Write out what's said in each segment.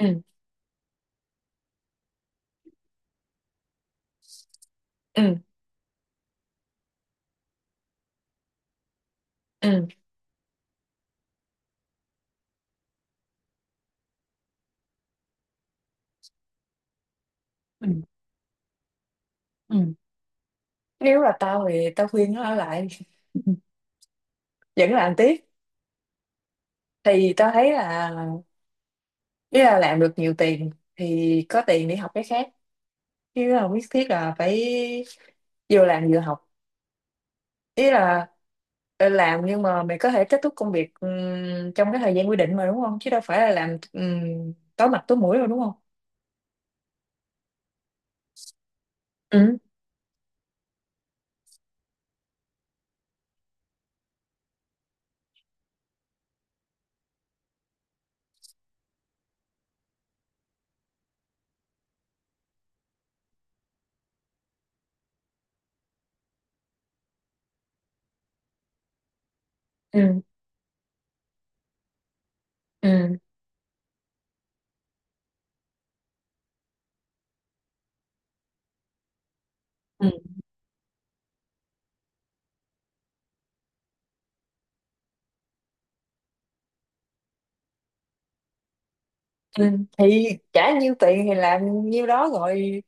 Ừ, ừ, ừ, ừ, ừ. Nếu là tao thì tao khuyên nó ở lại. Vẫn làm tiếp. Thì tao thấy là nếu là làm được nhiều tiền thì có tiền để học cái khác, chứ không nhất thiết là phải vừa làm vừa học. Ý là làm, nhưng mà mày có thể kết thúc công việc trong cái thời gian quy định mà, đúng không? Chứ đâu phải là làm tối mặt tối mũi đâu, đúng không? Ừ, ừ, ừ, ừ, ừ. Thì trả nhiêu tiền thì làm nhiêu đó rồi.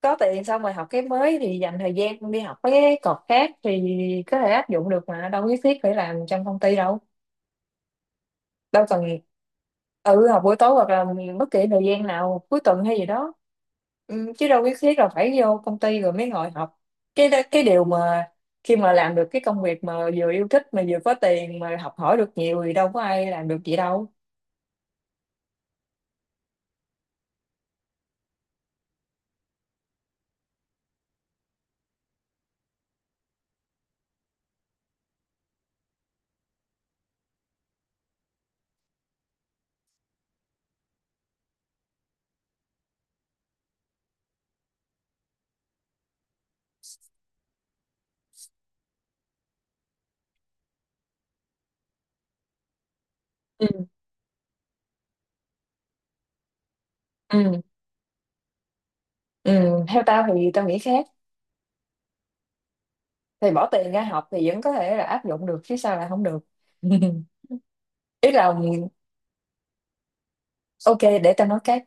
Có tiền xong rồi học cái mới, thì dành thời gian con đi học mấy cái cột khác thì có thể áp dụng được, mà đâu nhất thiết phải làm trong công ty đâu. Đâu cần. Ừ, học buổi tối hoặc là bất kỳ thời gian nào, cuối tuần hay gì đó. Ừ, chứ đâu nhất thiết là phải vô công ty rồi mới ngồi học. Cái điều mà khi mà làm được cái công việc mà vừa yêu thích mà vừa có tiền mà học hỏi được nhiều thì đâu có ai làm được gì đâu. Ừ, ừ, ừ. Theo tao thì tao nghĩ khác. Thì bỏ tiền ra học thì vẫn có thể là áp dụng được, chứ sao là không được. Ý là, ok, để tao nói cái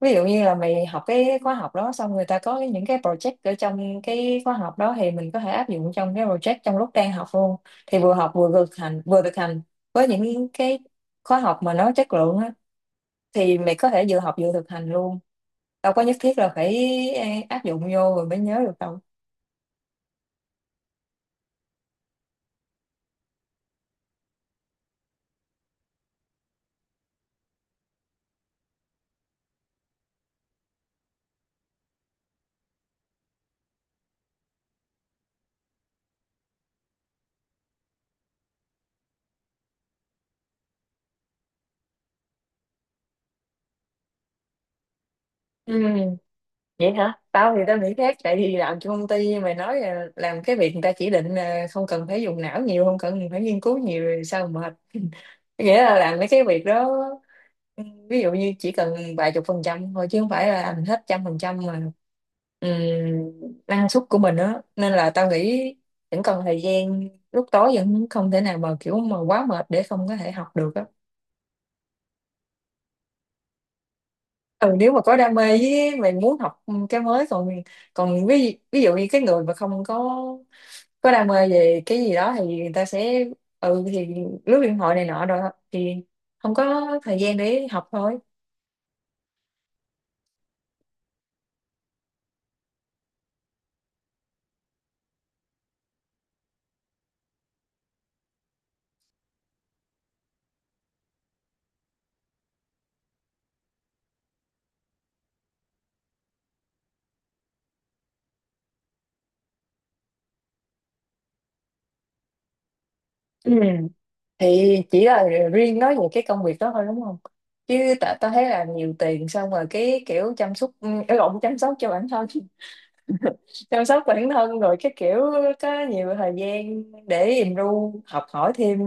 ví dụ. Như là mày học cái khóa học đó, xong người ta có những cái project ở trong cái khóa học đó thì mình có thể áp dụng trong cái project trong lúc đang học luôn. Thì vừa học vừa thực hành với những cái khóa học mà nó chất lượng á, thì mày có thể vừa học vừa thực hành luôn, đâu có nhất thiết là phải áp dụng vô rồi mới nhớ được đâu. Ừ. Vậy hả? Tao thì tao nghĩ khác. Tại vì làm cho công ty, mày nói là làm cái việc người ta chỉ định, là không cần phải dùng não nhiều, không cần phải nghiên cứu nhiều, rồi sao mà mệt? Nghĩa là làm mấy cái việc đó ví dụ như chỉ cần vài chục phần trăm thôi, chứ không phải là làm hết trăm phần trăm mà, ừm, năng suất của mình đó, nên là tao nghĩ vẫn còn thời gian lúc tối, vẫn không thể nào mà kiểu mà quá mệt để không có thể học được á. Ừ, nếu mà có đam mê, với mày muốn học cái mới, còn còn ví ví dụ như cái người mà không có đam mê về cái gì đó thì người ta sẽ, thì lướt điện thoại này nọ rồi, thì không có thời gian để học thôi. Ừ. Thì chỉ là riêng nói về cái công việc đó thôi, đúng không? Chứ ta thấy là nhiều tiền xong rồi cái kiểu chăm sóc, lộn, chăm sóc cho bản thân. Chăm sóc bản thân rồi cái kiểu có nhiều thời gian để im ru học hỏi thêm.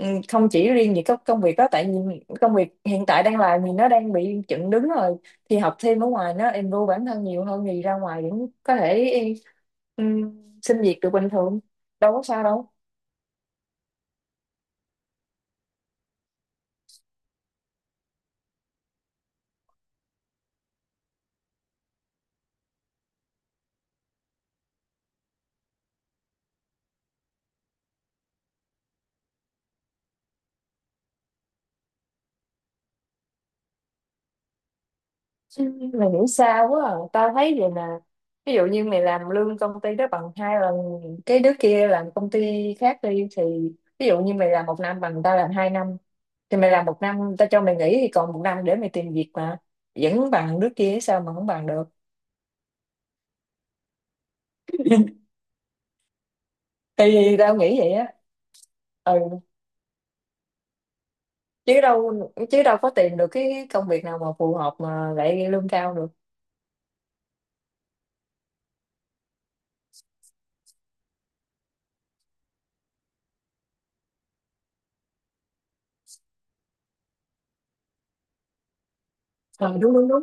Ừ, không chỉ riêng về các công việc đó, tại vì công việc hiện tại đang làm thì nó đang bị chững đứng rồi, thì học thêm ở ngoài nó im ru bản thân nhiều hơn, thì ra ngoài vẫn có thể, ừ, xin việc được bình thường, đâu có sao đâu. Ừ, mày nghĩ sao quá à? Tao thấy vậy nè. Ví dụ như mày làm lương công ty đó bằng 2 lần cái đứa kia làm công ty khác đi, thì ví dụ như mày làm một năm bằng tao làm 2 năm, thì mày làm một năm, tao cho mày nghỉ thì còn một năm để mày tìm việc mà vẫn bằng đứa kia, sao mà không bằng được? Thì tao nghĩ vậy á. Ừ, chứ đâu có tìm được cái công việc nào mà phù hợp mà lại lương cao được. Ừ, đúng, đúng, đúng.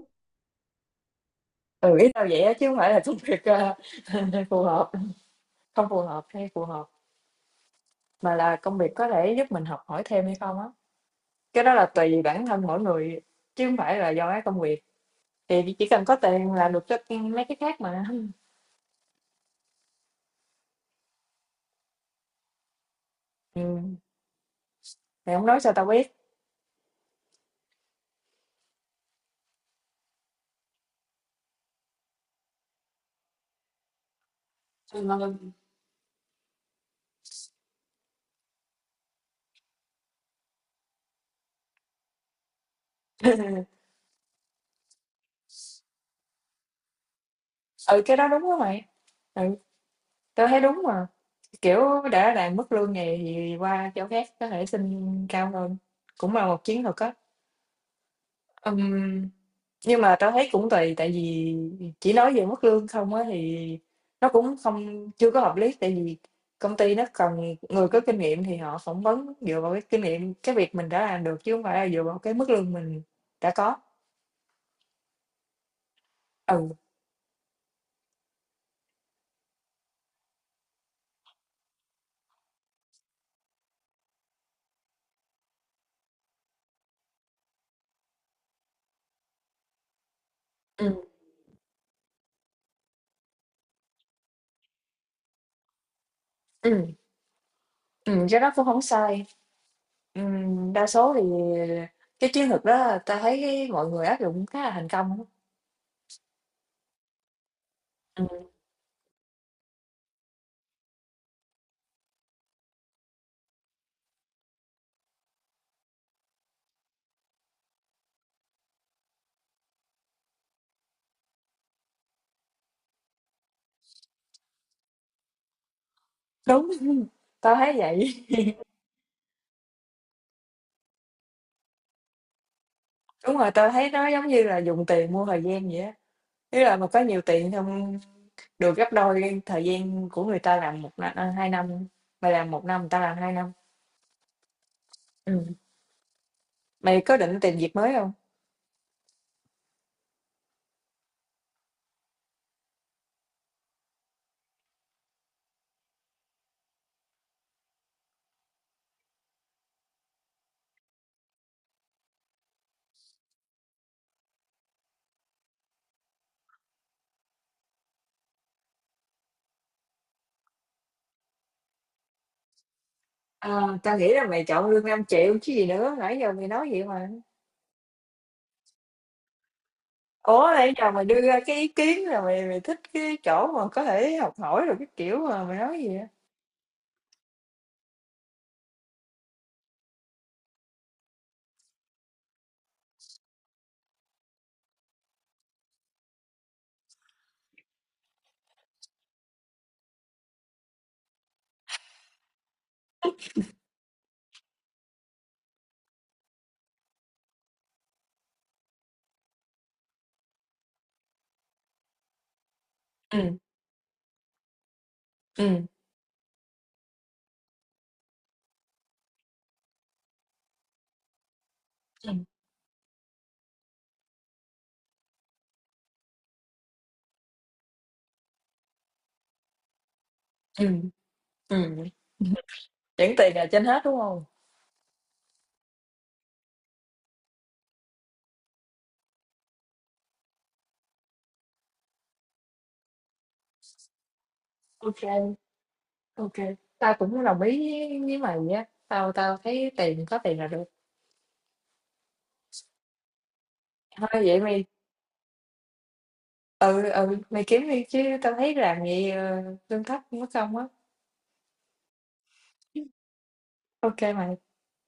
Ừ, ý tao vậy á, chứ không phải là công việc phù hợp, không phù hợp hay phù hợp. Mà là công việc có thể giúp mình học hỏi thêm hay không á? Cái đó là tùy bản thân mỗi người, chứ không phải là do cái công việc. Thì chỉ cần có tiền là được, cho mấy cái khác mà. Ừm, mày không nói sao tao biết? Ừ, mà— ừ, cái đó đúng á mày, ừ, tao thấy đúng mà, kiểu, đã làm mức lương này thì qua chỗ khác có thể xin cao hơn, cũng là một chiến thuật á. Ừm. Nhưng mà tao thấy cũng tùy, tại vì chỉ nói về mức lương không á thì nó cũng không, chưa có hợp lý, tại vì công ty nó cần người có kinh nghiệm thì họ phỏng vấn dựa vào cái kinh nghiệm, cái việc mình đã làm được, chứ không phải là dựa vào cái mức lương mình đã có. Ừ, ừ, ừ, ừ, cái đó cũng không sai. Đa số thì cái chiến lược đó tao thấy cái mọi người áp dụng khá là thành công á. Ừ, đúng, tao thấy vậy. Đúng rồi, tao thấy nó giống như là dùng tiền mua thời gian vậy á. Ý là mà có nhiều tiền, không được gấp đôi cái thời gian của người ta làm một năm, à, 2 năm, mày làm một năm, người ta làm 2 năm. Ừm. Mày có định tìm việc mới không? Ờ, tao nghĩ là mày chọn lương 5 triệu chứ gì nữa, nãy giờ mày nói vậy mà. Ủa, nãy giờ mày đưa ra cái ý kiến là mày mày thích cái chỗ mà có thể học hỏi rồi cái kiểu mà, mày nói gì vậy? Ừ, ừ, ừ. ừm, ừm, Vẫn tiền là trên hết, đúng không? Ok, ok, tao cũng đồng ý với mày á, tao tao thấy tiền, có tiền là được. Thôi vậy mày. Ừ, ừ, mày kiếm đi, chứ tao thấy làm vậy, lương thấp mất công á. OK mày.